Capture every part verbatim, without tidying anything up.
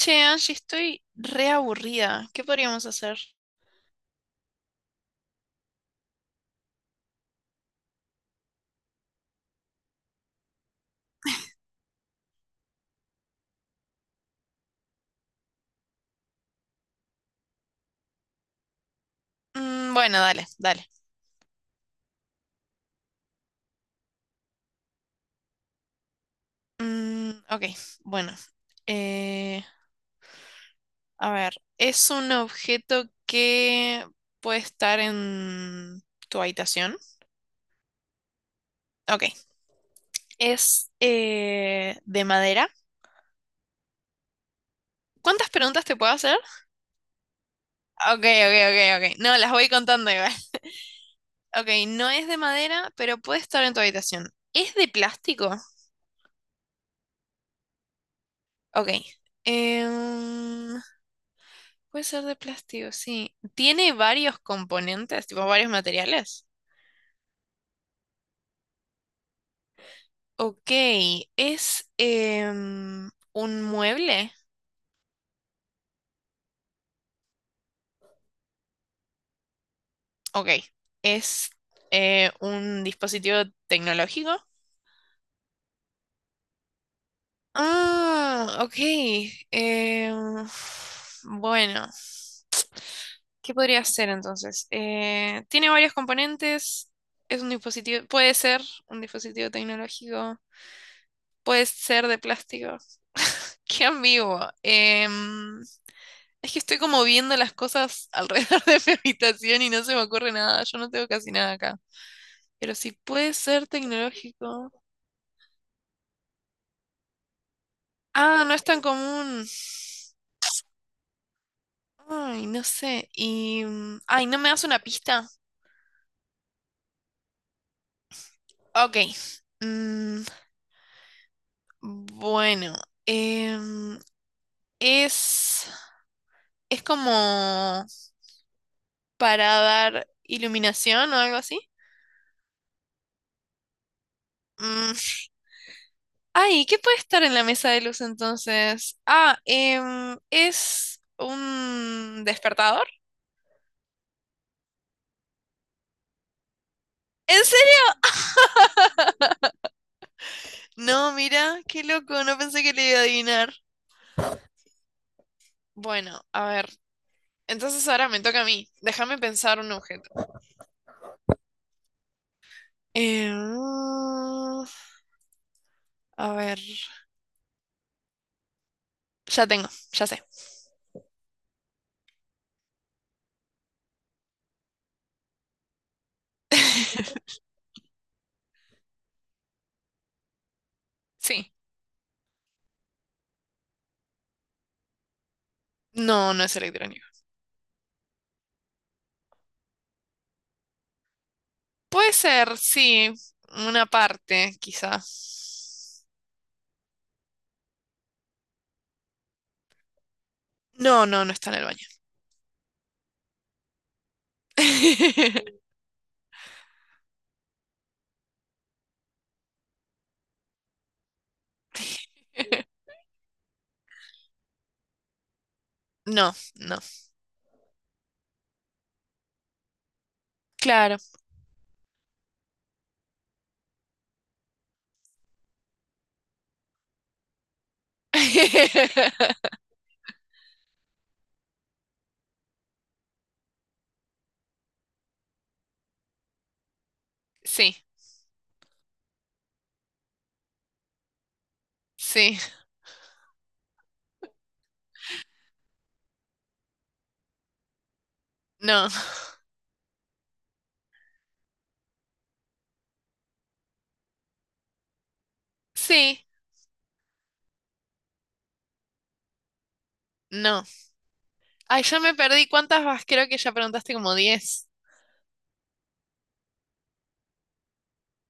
Che, Angie, estoy re aburrida. ¿Qué podríamos hacer? Mm, bueno, dale, dale. Mm, ok, bueno. Eh, a ver, ¿es un objeto que puede estar en tu habitación? Ok, ¿es eh, de madera? ¿Cuántas preguntas te puedo hacer? Ok, ok, ok, ok. No, las voy contando igual. Ok, no es de madera, pero puede estar en tu habitación. ¿Es de plástico? Ok. Em, Puede ser de plástico, sí. Tiene varios componentes, tipo varios materiales. Ok, es em, un mueble. Ok, es eh, un dispositivo tecnológico. Ah, ok. em, bueno, ¿qué podría ser entonces? Eh, tiene varios componentes. Es un dispositivo, puede ser un dispositivo tecnológico, puede ser de plástico. Qué ambiguo. Eh, Es que estoy como viendo las cosas alrededor de mi habitación y no se me ocurre nada. Yo no tengo casi nada acá. Pero si puede ser tecnológico. Ah, no es tan común. Ay, no sé. Y. mm, Ay, ¿no me das una pista? Ok. Mm, bueno. em, es. Es como para dar iluminación o algo así. Mm, Ay, ¿qué puede estar en la mesa de luz entonces? Ah, em, es un despertador. ¿En serio? No, mira, qué loco, no pensé que le iba a adivinar. Bueno, a ver. Entonces ahora me toca a mí. Déjame pensar un objeto. Eh, mm, a ver. Ya tengo, ya sé. Sí. No, no es electrónico. Puede ser, sí. Una parte, quizá. No, no, no está en el baño. No, no. Claro. Sí, sí. No. Sí, no. Ay, ya me perdí. ¿Cuántas vas? Creo que ya preguntaste como diez.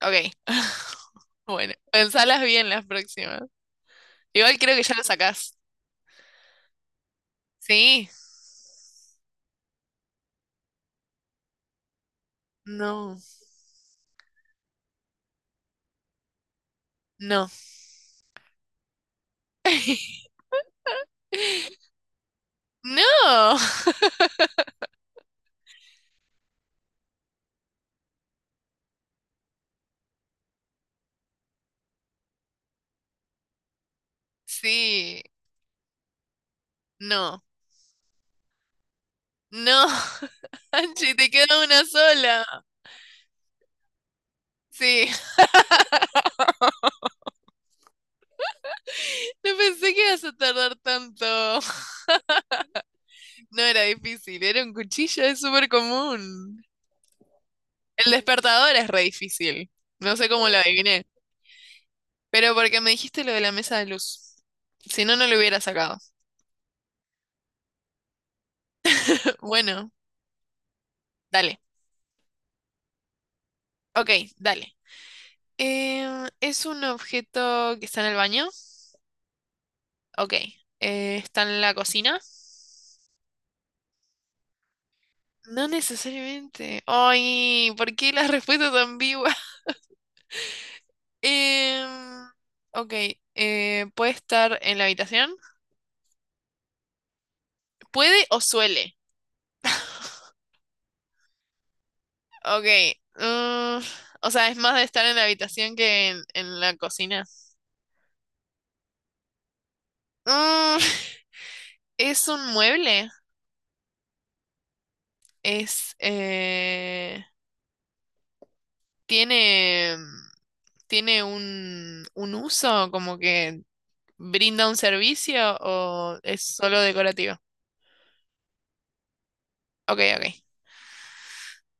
Ok. Bueno, pensalas bien las próximas. Igual creo que ya lo sacás. Sí. No. No. No. Sí. No. No. Anchi, te queda una sola. Sí. No pensé que ibas a tardar tanto. No era difícil. Era un cuchillo, es súper común. El despertador es re difícil. No sé cómo lo adiviné. Pero porque me dijiste lo de la mesa de luz. Si no, no lo hubiera sacado. Bueno, dale. Ok, dale. Em, ¿es un objeto que está en el baño? Ok. Eh, ¿está en la cocina? No necesariamente. Ay, ¿por qué las respuestas ambiguas? Em, ok. Eh, ¿puede estar en la habitación? ¿Puede o suele? Ok. mm, o sea, es más de estar en la habitación que en, en la cocina. Mm, ¿es un mueble? Es, eh, tiene, tiene un, un uso, como que brinda un servicio o es solo decorativo. Ok, ok.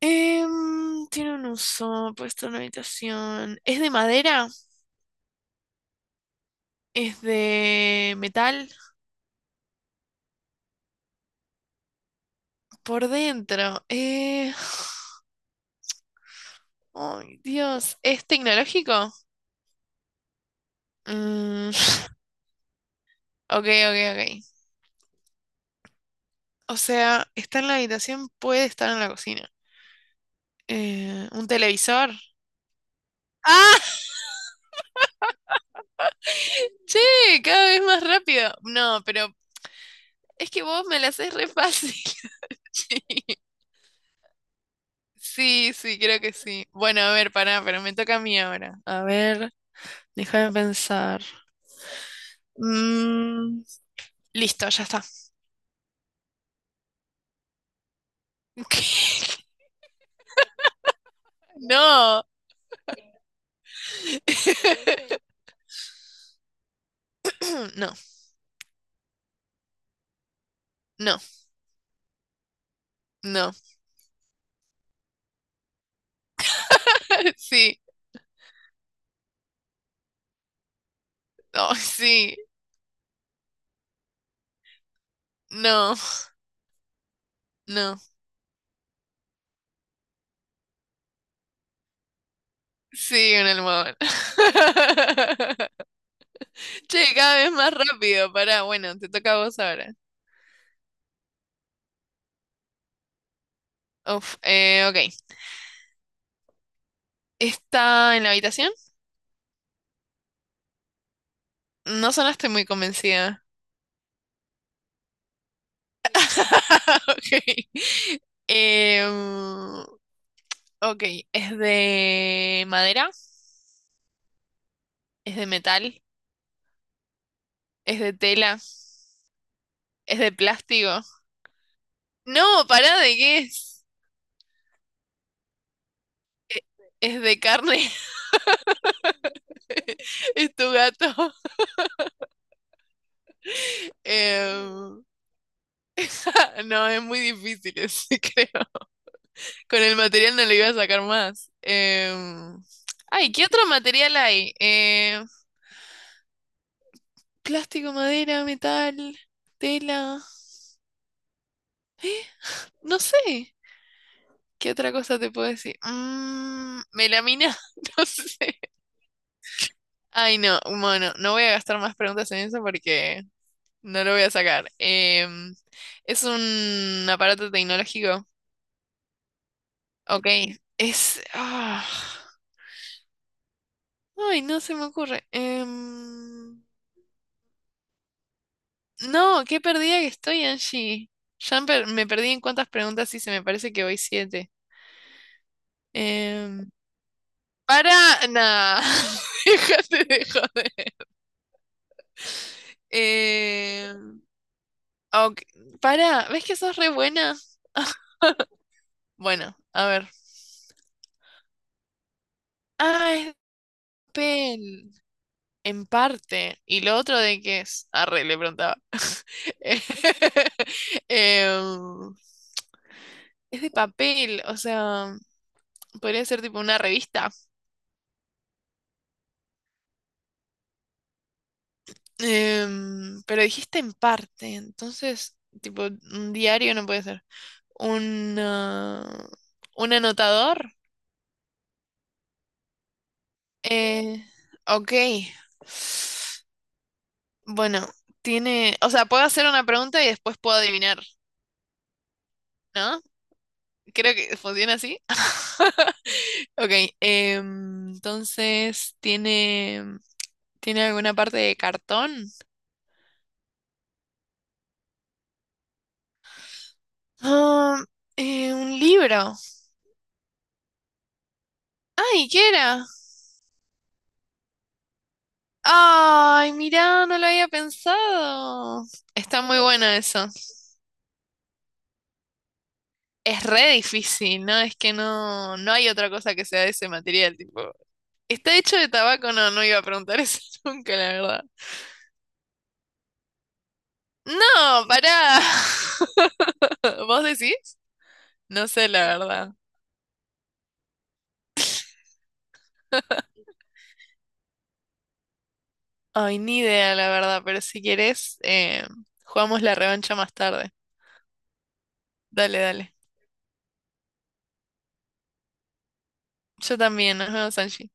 Em, tiene un uso, puesto en una habitación. ¿Es de madera? ¿Es de metal? Por dentro. Eh, ay, Dios. ¿Es tecnológico? Mm, ok, ok, ok. O sea, está en la habitación, puede estar en la cocina. Eh, ¿un televisor? ¡Ah! Sí, cada vez más rápido. No, pero es que vos me la haces re fácil. Sí, sí, sí, creo que sí. Bueno, a ver, pará, pero me toca a mí ahora. A ver, déjame pensar. Mm, listo, ya está. ¿Qué? No, no, no, no. Sí, no, sí, no, no. Sí, un almohadón. Che, cada vez más rápido. Pará, bueno, te toca a vos ahora. Uf, eh, ok. ¿Está en la habitación? No sonaste muy convencida. Ok. Em, ok, ¿es de madera? ¿Es de metal? ¿Es de tela? ¿Es de plástico? No, pará, ¿de qué es? ¿Es de carne? ¿Es tu gato? Em, no, es muy difícil ese, creo. Con el material no le iba a sacar más. Em, ay, ¿qué otro material hay? Em, plástico, madera, metal, tela. ¿Eh? No sé. ¿Qué otra cosa te puedo decir? Mm, melamina, no sé. Ay, no, bueno, no voy a gastar más preguntas en eso porque no lo voy a sacar. Em, es un aparato tecnológico. Ok, es... ah, ay, no se me ocurre. Em, No, qué perdida que estoy, Angie. Ya me per- me perdí en cuántas preguntas hice, me parece que voy siete. Em, para nada. Déjate de joder. Eh, ok, para, ¿ves que sos re buena? Bueno, a ver. Ah, es de papel. En parte. ¿Y lo otro de qué es? Arre, le preguntaba. Eh, em, es de papel, o sea, podría ser tipo una revista. Em, pero dijiste en parte, entonces, tipo, un diario no puede ser. Un, ah, un anotador. Eh, ok. Bueno, tiene, o sea, puedo hacer una pregunta y después puedo adivinar, ¿no? Creo que funciona así. Ok, em, entonces, ¿tiene, ¿tiene alguna parte de cartón? Ah, eh, un libro. Ay, ¿qué era? Ay, mirá, no lo había pensado. Está muy bueno eso. Es re difícil, ¿no? Es que no, no hay otra cosa que sea de ese material, tipo. ¿Está hecho de tabaco? No, no iba a preguntar eso nunca, la verdad. No, pará. ¿Vos decís? No sé, la verdad. Ay, ni idea, la verdad, pero si querés, eh, jugamos la revancha más tarde. Dale, dale. Yo también, nos vemos, Angie.